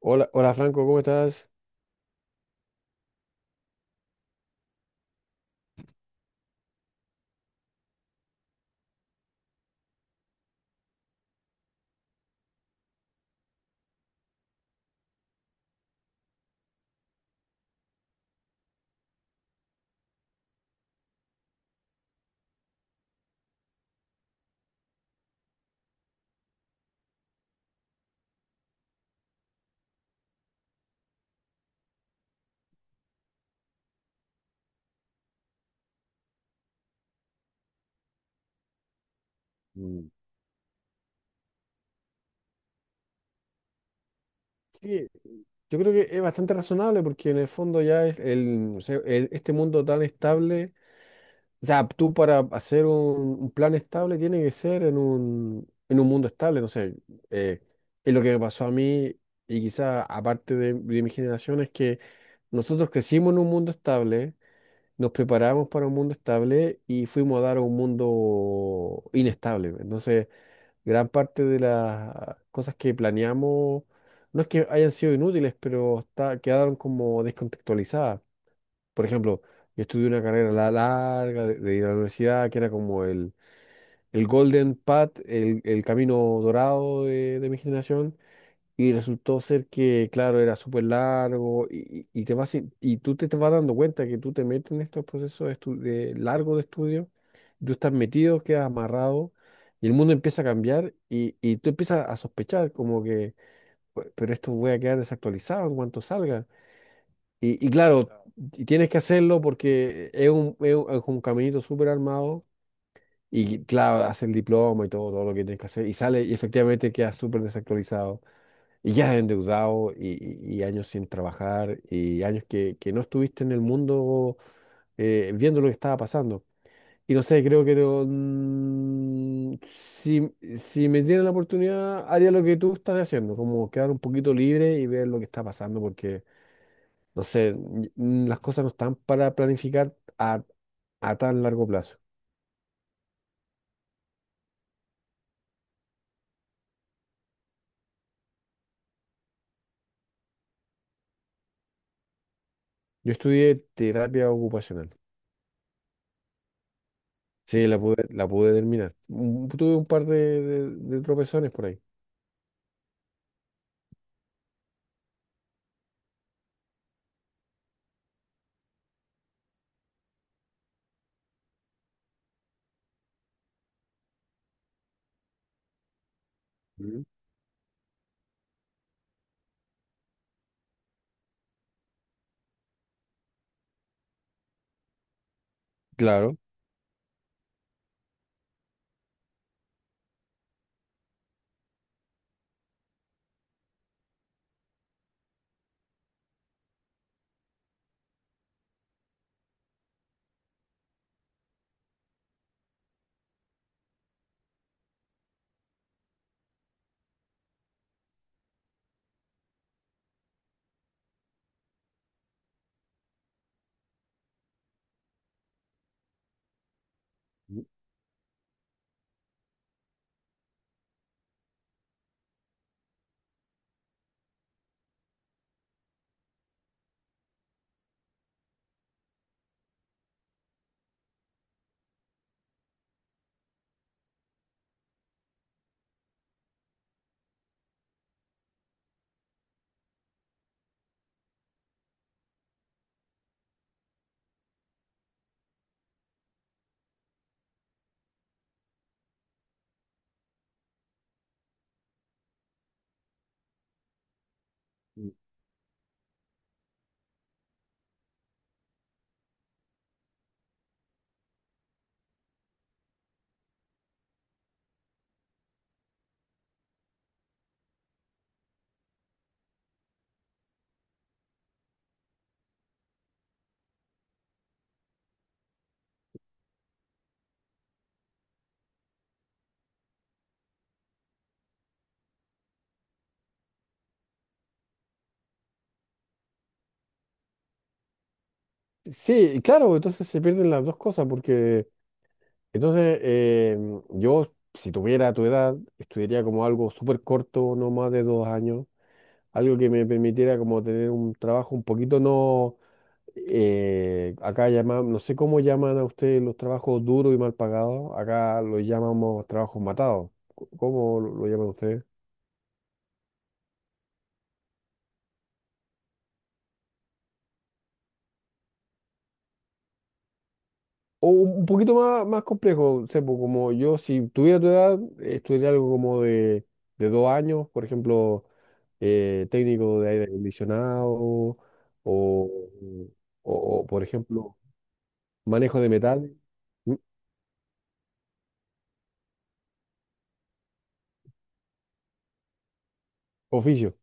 Hola, hola Franco, ¿cómo estás? Mm, sí, yo creo que es bastante razonable porque en el fondo ya es el, o sea, este mundo tan estable, o sea, tú para hacer un plan estable tiene que ser en en un mundo estable, no sé, eh, es lo que me pasó a mí y quizá aparte de mi generación es que nosotros crecimos en un mundo estable, nos preparamos para un mundo estable y fuimos a dar a un mundo inestable. Entonces, gran parte de las cosas que planeamos no es que hayan sido inútiles, pero está, quedaron como descontextualizadas. Por ejemplo, yo estudié una carrera larga de ir a la universidad, que era como el golden path, el camino dorado de mi generación, y resultó ser que, claro, era súper largo y te vas, y tú te, te vas dando cuenta que tú te metes en estos procesos de de largos de estudio, tú estás metido, quedas amarrado y el mundo empieza a cambiar y tú empiezas a sospechar como que, pero esto voy a quedar desactualizado en cuanto salga." Y claro, claro, y tienes que hacerlo porque es un, es un, es un caminito súper armado y claro, haces el diploma y todo, todo lo que tienes que hacer y sale y efectivamente quedas súper desactualizado. Y ya endeudado y, y años sin trabajar y años que no estuviste en el mundo viendo lo que estaba pasando. Y no sé, creo que no, si, si me dieran la oportunidad, haría lo que tú estás haciendo, como quedar un poquito libre y ver lo que está pasando, porque, no sé, las cosas no están para planificar a, a tan largo plazo. Yo estudié terapia ocupacional. Sí, la pude terminar. Mm, tuve un par de de tropezones por ahí. Mm. Claro. Sí, claro, entonces se pierden las dos cosas, porque entonces yo, si tuviera tu edad, estudiaría como algo súper corto, no más de dos años, algo que me permitiera como tener un trabajo un poquito no, acá llaman, no sé cómo llaman a ustedes los trabajos duros y mal pagados, acá los llamamos trabajos matados, ¿cómo lo llaman ustedes? O un poquito más, más complejo, Sepo, como yo, si tuviera tu edad, estudiaría algo como de dos años, por ejemplo, técnico de aire acondicionado o, o, por ejemplo, manejo de metal, mm, oficio.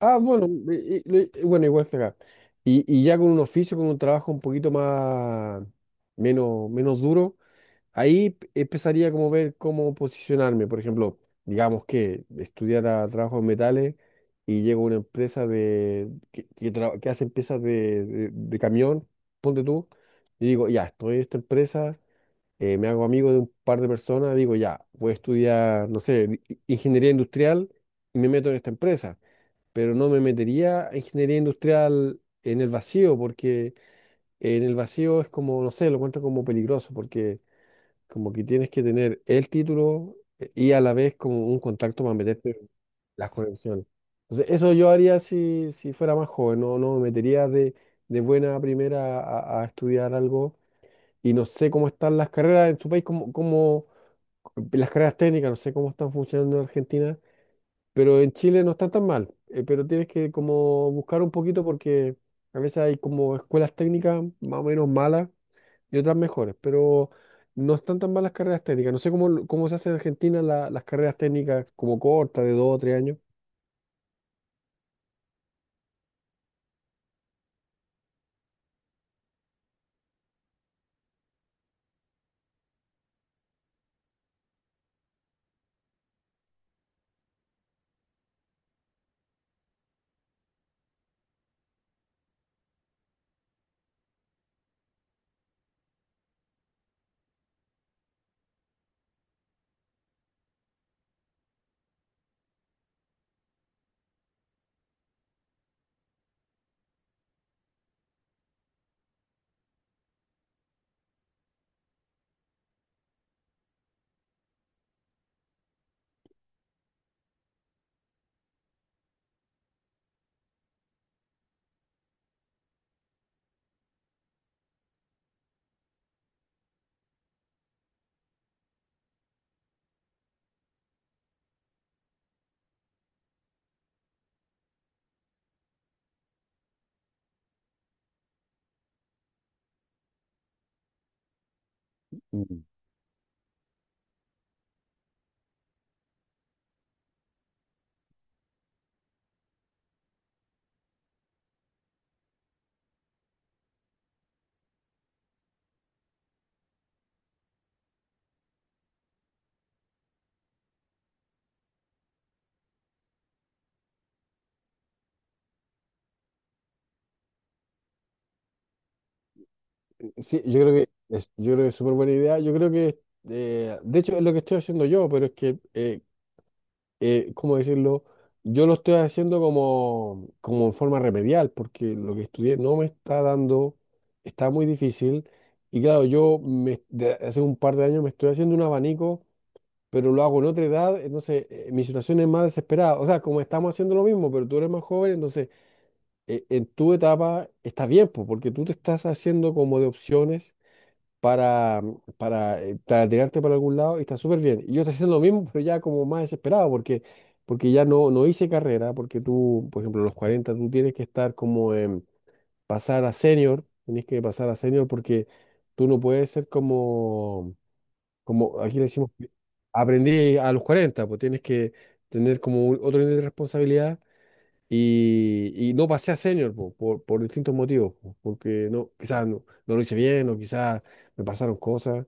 Ah, bueno, bueno, igual que acá. Y ya con un oficio, con un trabajo un poquito más, menos, menos duro, ahí empezaría como ver cómo posicionarme. Por ejemplo, digamos que estudiara trabajo en metales y llego a una empresa de que que hace piezas de, de camión, ponte tú, y digo, ya, estoy en esta empresa, me hago amigo de un par de personas, digo, ya, voy a estudiar, no sé, ingeniería industrial y me meto en esta empresa. Pero no me metería a ingeniería industrial en el vacío, porque en el vacío es como, no sé, lo cuento como peligroso, porque como que tienes que tener el título y a la vez como un contacto para meterte en las conexiones. Entonces, eso yo haría si, si fuera más joven, no, no me metería de buena primera a estudiar algo y no sé cómo están las carreras en su país, como, como las carreras técnicas, no sé cómo están funcionando en Argentina, pero en Chile no están tan mal, pero tienes que como buscar un poquito porque a veces hay como escuelas técnicas más o menos malas y otras mejores, pero no están tan mal las carreras técnicas. No sé cómo, cómo se hace en Argentina las carreras técnicas como cortas, de dos o tres años. Mm. Sí, yo creo que es, yo creo que es súper buena idea. Yo creo que, de hecho, es lo que estoy haciendo yo, pero es que, ¿cómo decirlo? Yo lo estoy haciendo como, como en forma remedial, porque lo que estudié no me está dando, está muy difícil. Y claro, yo me, de hace un par de años me estoy haciendo un abanico pero lo hago en otra edad, entonces mi situación es más desesperada. O sea, como estamos haciendo lo mismo, pero tú eres más joven, entonces en tu etapa está bien, pues, porque tú te estás haciendo como de opciones para, para tirarte para algún lado y está súper bien. Y yo estoy haciendo lo mismo, pero ya como más desesperado, porque, porque ya no, no hice carrera, porque tú, por ejemplo, a los 40 tú tienes que estar como en pasar a senior, tienes que pasar a senior porque tú no puedes ser como... Como aquí le decimos, que aprendí a los 40 pues tienes que tener como otro nivel de responsabilidad y no pasé a senior po, por distintos motivos, po, porque no, quizás no, no lo hice bien o quizás me pasaron cosas.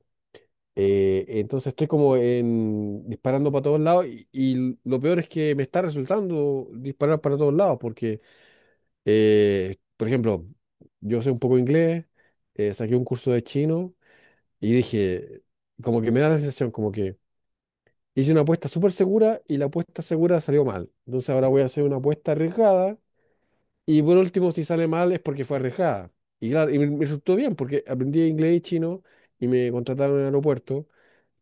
Entonces estoy como en, disparando para todos lados y lo peor es que me está resultando disparar para todos lados porque, por ejemplo, yo sé un poco inglés, saqué un curso de chino y dije, como que me da la sensación, como que hice una apuesta súper segura y la apuesta segura salió mal. Entonces ahora voy a hacer una apuesta arriesgada y por último, si sale mal es porque fue arriesgada. Y claro, y me resultó bien porque aprendí inglés y chino y me contrataron en el aeropuerto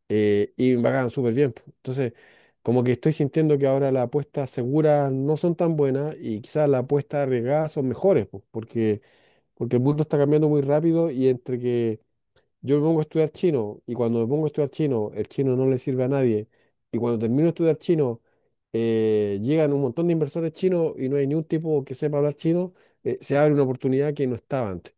y me pagaban súper bien, po. Entonces, como que estoy sintiendo que ahora las apuestas seguras no son tan buenas y quizás las apuestas arriesgadas son mejores, po, porque, porque el mundo está cambiando muy rápido y entre que yo me pongo a estudiar chino y cuando me pongo a estudiar chino, el chino no le sirve a nadie. Y cuando termino de estudiar chino, llegan un montón de inversores chinos y no hay ni un tipo que sepa hablar chino, se abre una oportunidad que no estaba antes.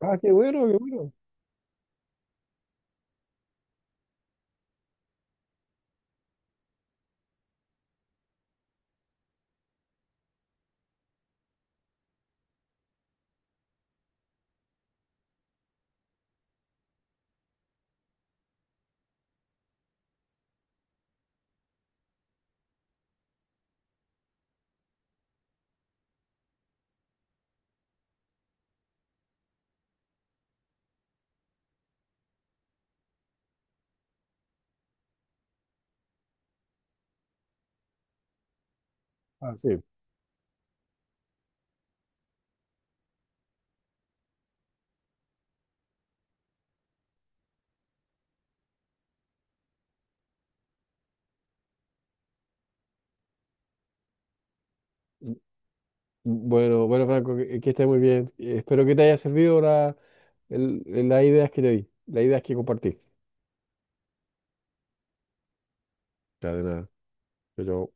Ah, qué bueno, qué bueno. Ah, sí. Bueno, bueno, Franco, que estés muy bien. Espero que te haya servido la, el- las ideas que te di, las ideas que compartí. Ya, de nada. Chao, chao.